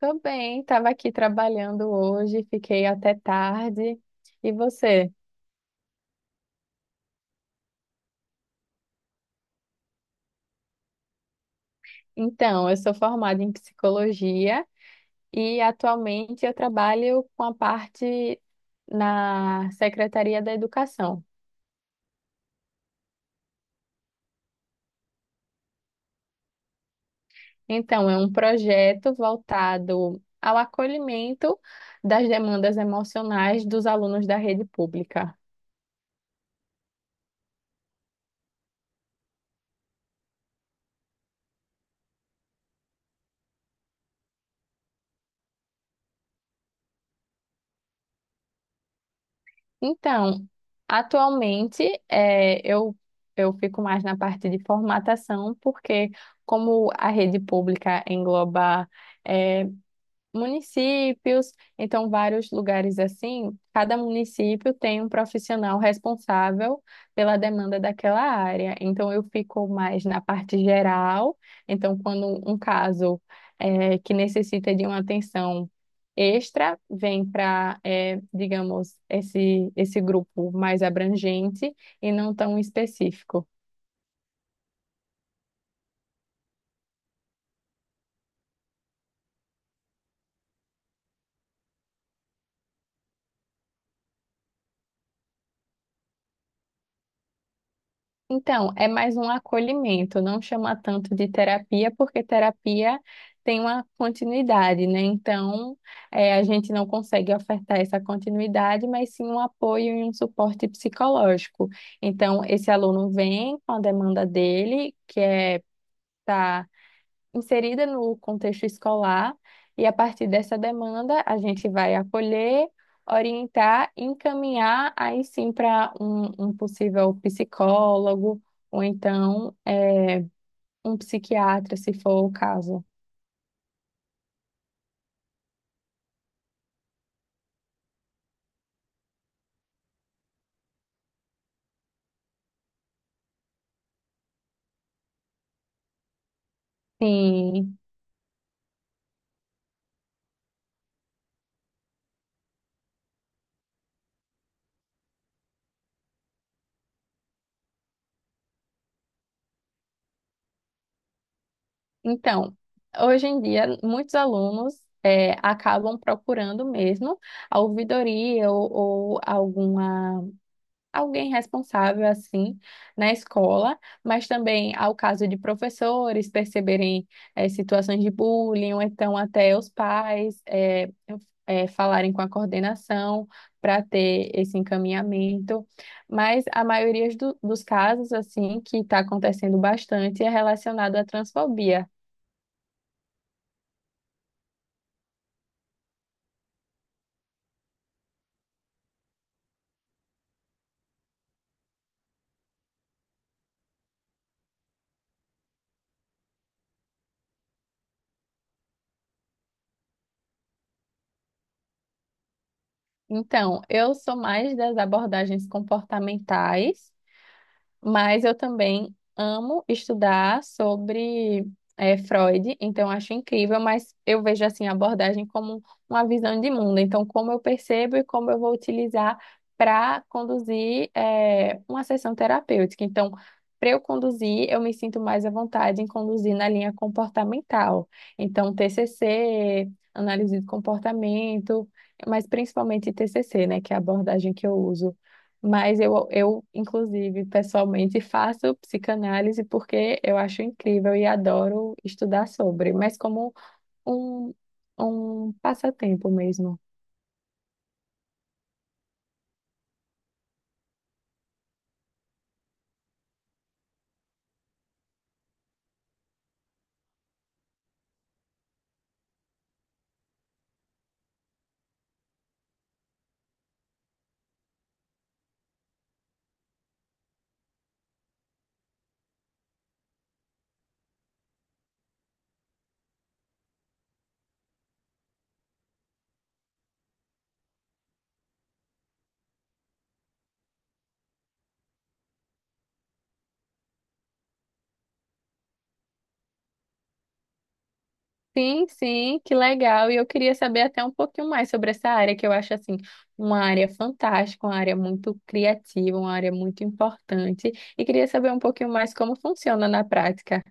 Tô bem, estava aqui trabalhando hoje, fiquei até tarde. E você? Então, eu sou formada em psicologia e atualmente eu trabalho com a parte na Secretaria da Educação. Então, é um projeto voltado ao acolhimento das demandas emocionais dos alunos da rede pública. Então, atualmente eu fico mais na parte de formatação, porque como a rede pública engloba eh, municípios, então vários lugares assim, cada município tem um profissional responsável pela demanda daquela área. Então eu fico mais na parte geral, então quando um caso que necessita de uma atenção extra vem para, digamos, esse grupo mais abrangente e não tão específico. Então, é mais um acolhimento, não chama tanto de terapia, porque terapia tem uma continuidade, né? Então, a gente não consegue ofertar essa continuidade, mas sim um apoio e um suporte psicológico. Então, esse aluno vem com a demanda dele, que é estar inserida no contexto escolar, e a partir dessa demanda, a gente vai acolher, orientar, encaminhar aí sim para um possível psicólogo, ou então um psiquiatra, se for o caso. Sim. Então, hoje em dia, muitos alunos. Acabam procurando mesmo a ouvidoria ou alguma alguém responsável assim na escola, mas também ao caso de professores perceberem situações de bullying, ou então até os pais falarem com a coordenação para ter esse encaminhamento. Mas a maioria dos casos assim que está acontecendo bastante é relacionado à transfobia. Então, eu sou mais das abordagens comportamentais. Mas eu também amo estudar sobre Freud, então acho incrível, mas eu vejo assim a abordagem como uma visão de mundo. Então, como eu percebo e como eu vou utilizar para conduzir uma sessão terapêutica. Então, para eu conduzir, eu me sinto mais à vontade em conduzir na linha comportamental. Então, TCC, análise de comportamento, mas principalmente TCC, né, que é a abordagem que eu uso. Mas inclusive, pessoalmente faço psicanálise porque eu acho incrível e adoro estudar sobre, mas como um, um passatempo mesmo. Sim, sim, que legal. E eu queria saber até um pouquinho mais sobre essa área, que eu acho, assim, uma área fantástica, uma área muito criativa, uma área muito importante. E queria saber um pouquinho mais como funciona na prática.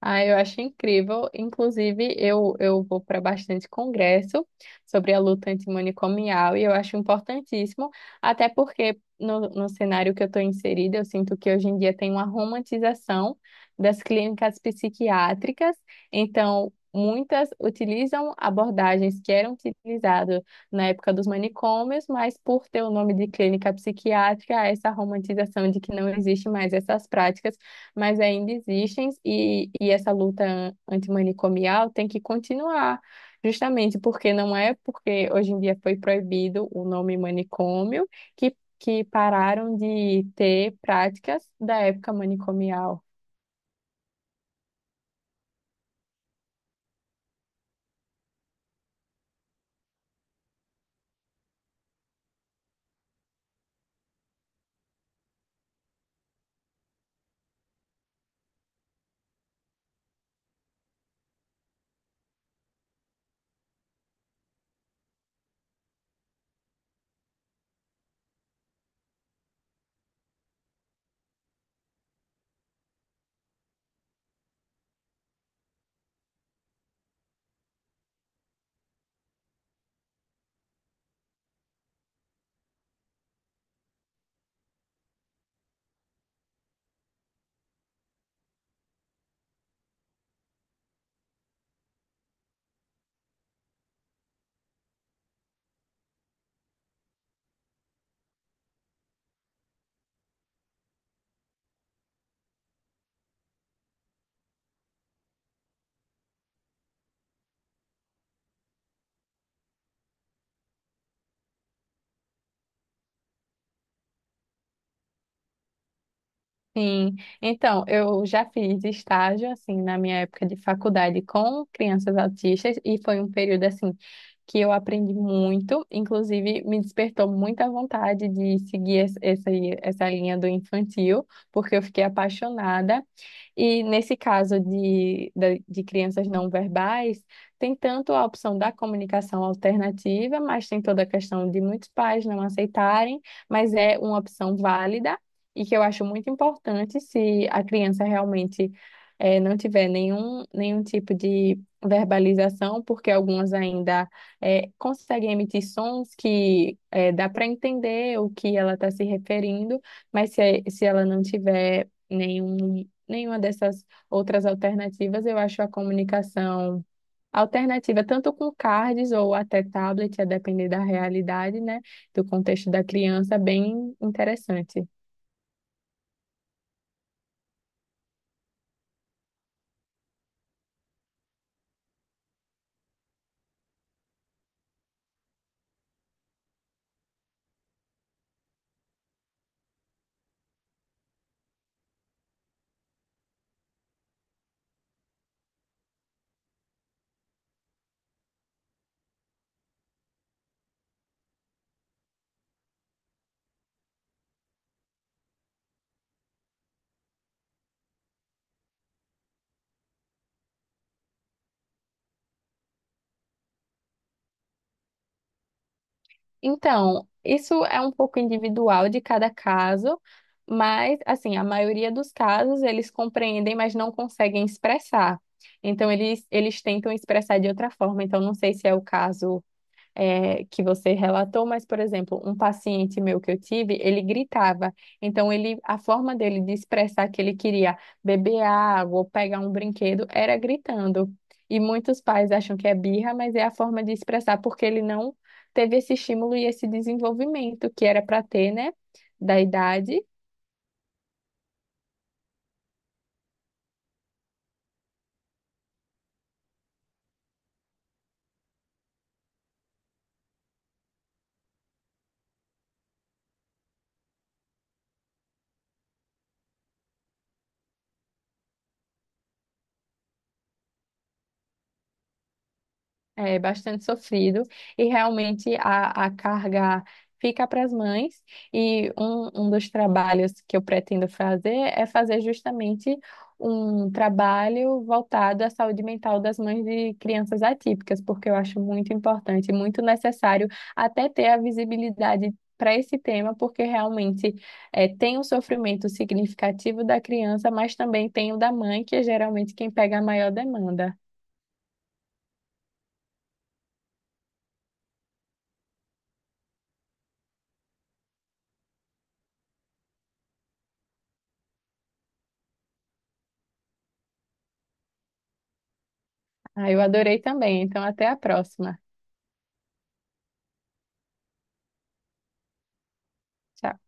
Ah, eu acho incrível. Inclusive, eu vou para bastante congresso sobre a luta antimanicomial e eu acho importantíssimo, até porque no cenário que eu estou inserida, eu sinto que hoje em dia tem uma romantização das clínicas psiquiátricas, então muitas utilizam abordagens que eram utilizadas na época dos manicômios, mas por ter o nome de clínica psiquiátrica, há essa romantização de que não existe mais essas práticas, mas ainda existem e essa luta antimanicomial tem que continuar, justamente porque não é porque hoje em dia foi proibido o nome manicômio que pararam de ter práticas da época manicomial. Sim, então, eu já fiz estágio, assim, na minha época de faculdade com crianças autistas e foi um período, assim, que eu aprendi muito, inclusive me despertou muita vontade de seguir essa, essa linha do infantil, porque eu fiquei apaixonada. E nesse caso de crianças não verbais, tem tanto a opção da comunicação alternativa, mas tem toda a questão de muitos pais não aceitarem, mas é uma opção válida e que eu acho muito importante se a criança realmente não tiver nenhum tipo de verbalização, porque algumas ainda conseguem emitir sons que dá para entender o que ela está se referindo, mas se ela não tiver nenhum, nenhuma dessas outras alternativas, eu acho a comunicação alternativa, tanto com cards ou até tablet, a depender da realidade, né, do contexto da criança, bem interessante. Então, isso é um pouco individual de cada caso, mas assim, a maioria dos casos eles compreendem, mas não conseguem expressar. Então, eles tentam expressar de outra forma. Então, não sei se é o caso que você relatou, mas, por exemplo, um paciente meu que eu tive, ele gritava. Então, ele, a forma dele de expressar que ele queria beber água ou pegar um brinquedo era gritando. E muitos pais acham que é birra, mas é a forma de expressar, porque ele não teve esse estímulo e esse desenvolvimento que era para ter, né, da idade. É bastante sofrido e realmente a carga fica para as mães. E um dos trabalhos que eu pretendo fazer é fazer justamente um trabalho voltado à saúde mental das mães de crianças atípicas, porque eu acho muito importante, muito necessário até ter a visibilidade para esse tema, porque realmente tem um sofrimento significativo da criança, mas também tem o da mãe, que é geralmente quem pega a maior demanda. Ah, eu adorei também. Então, até a próxima. Tchau.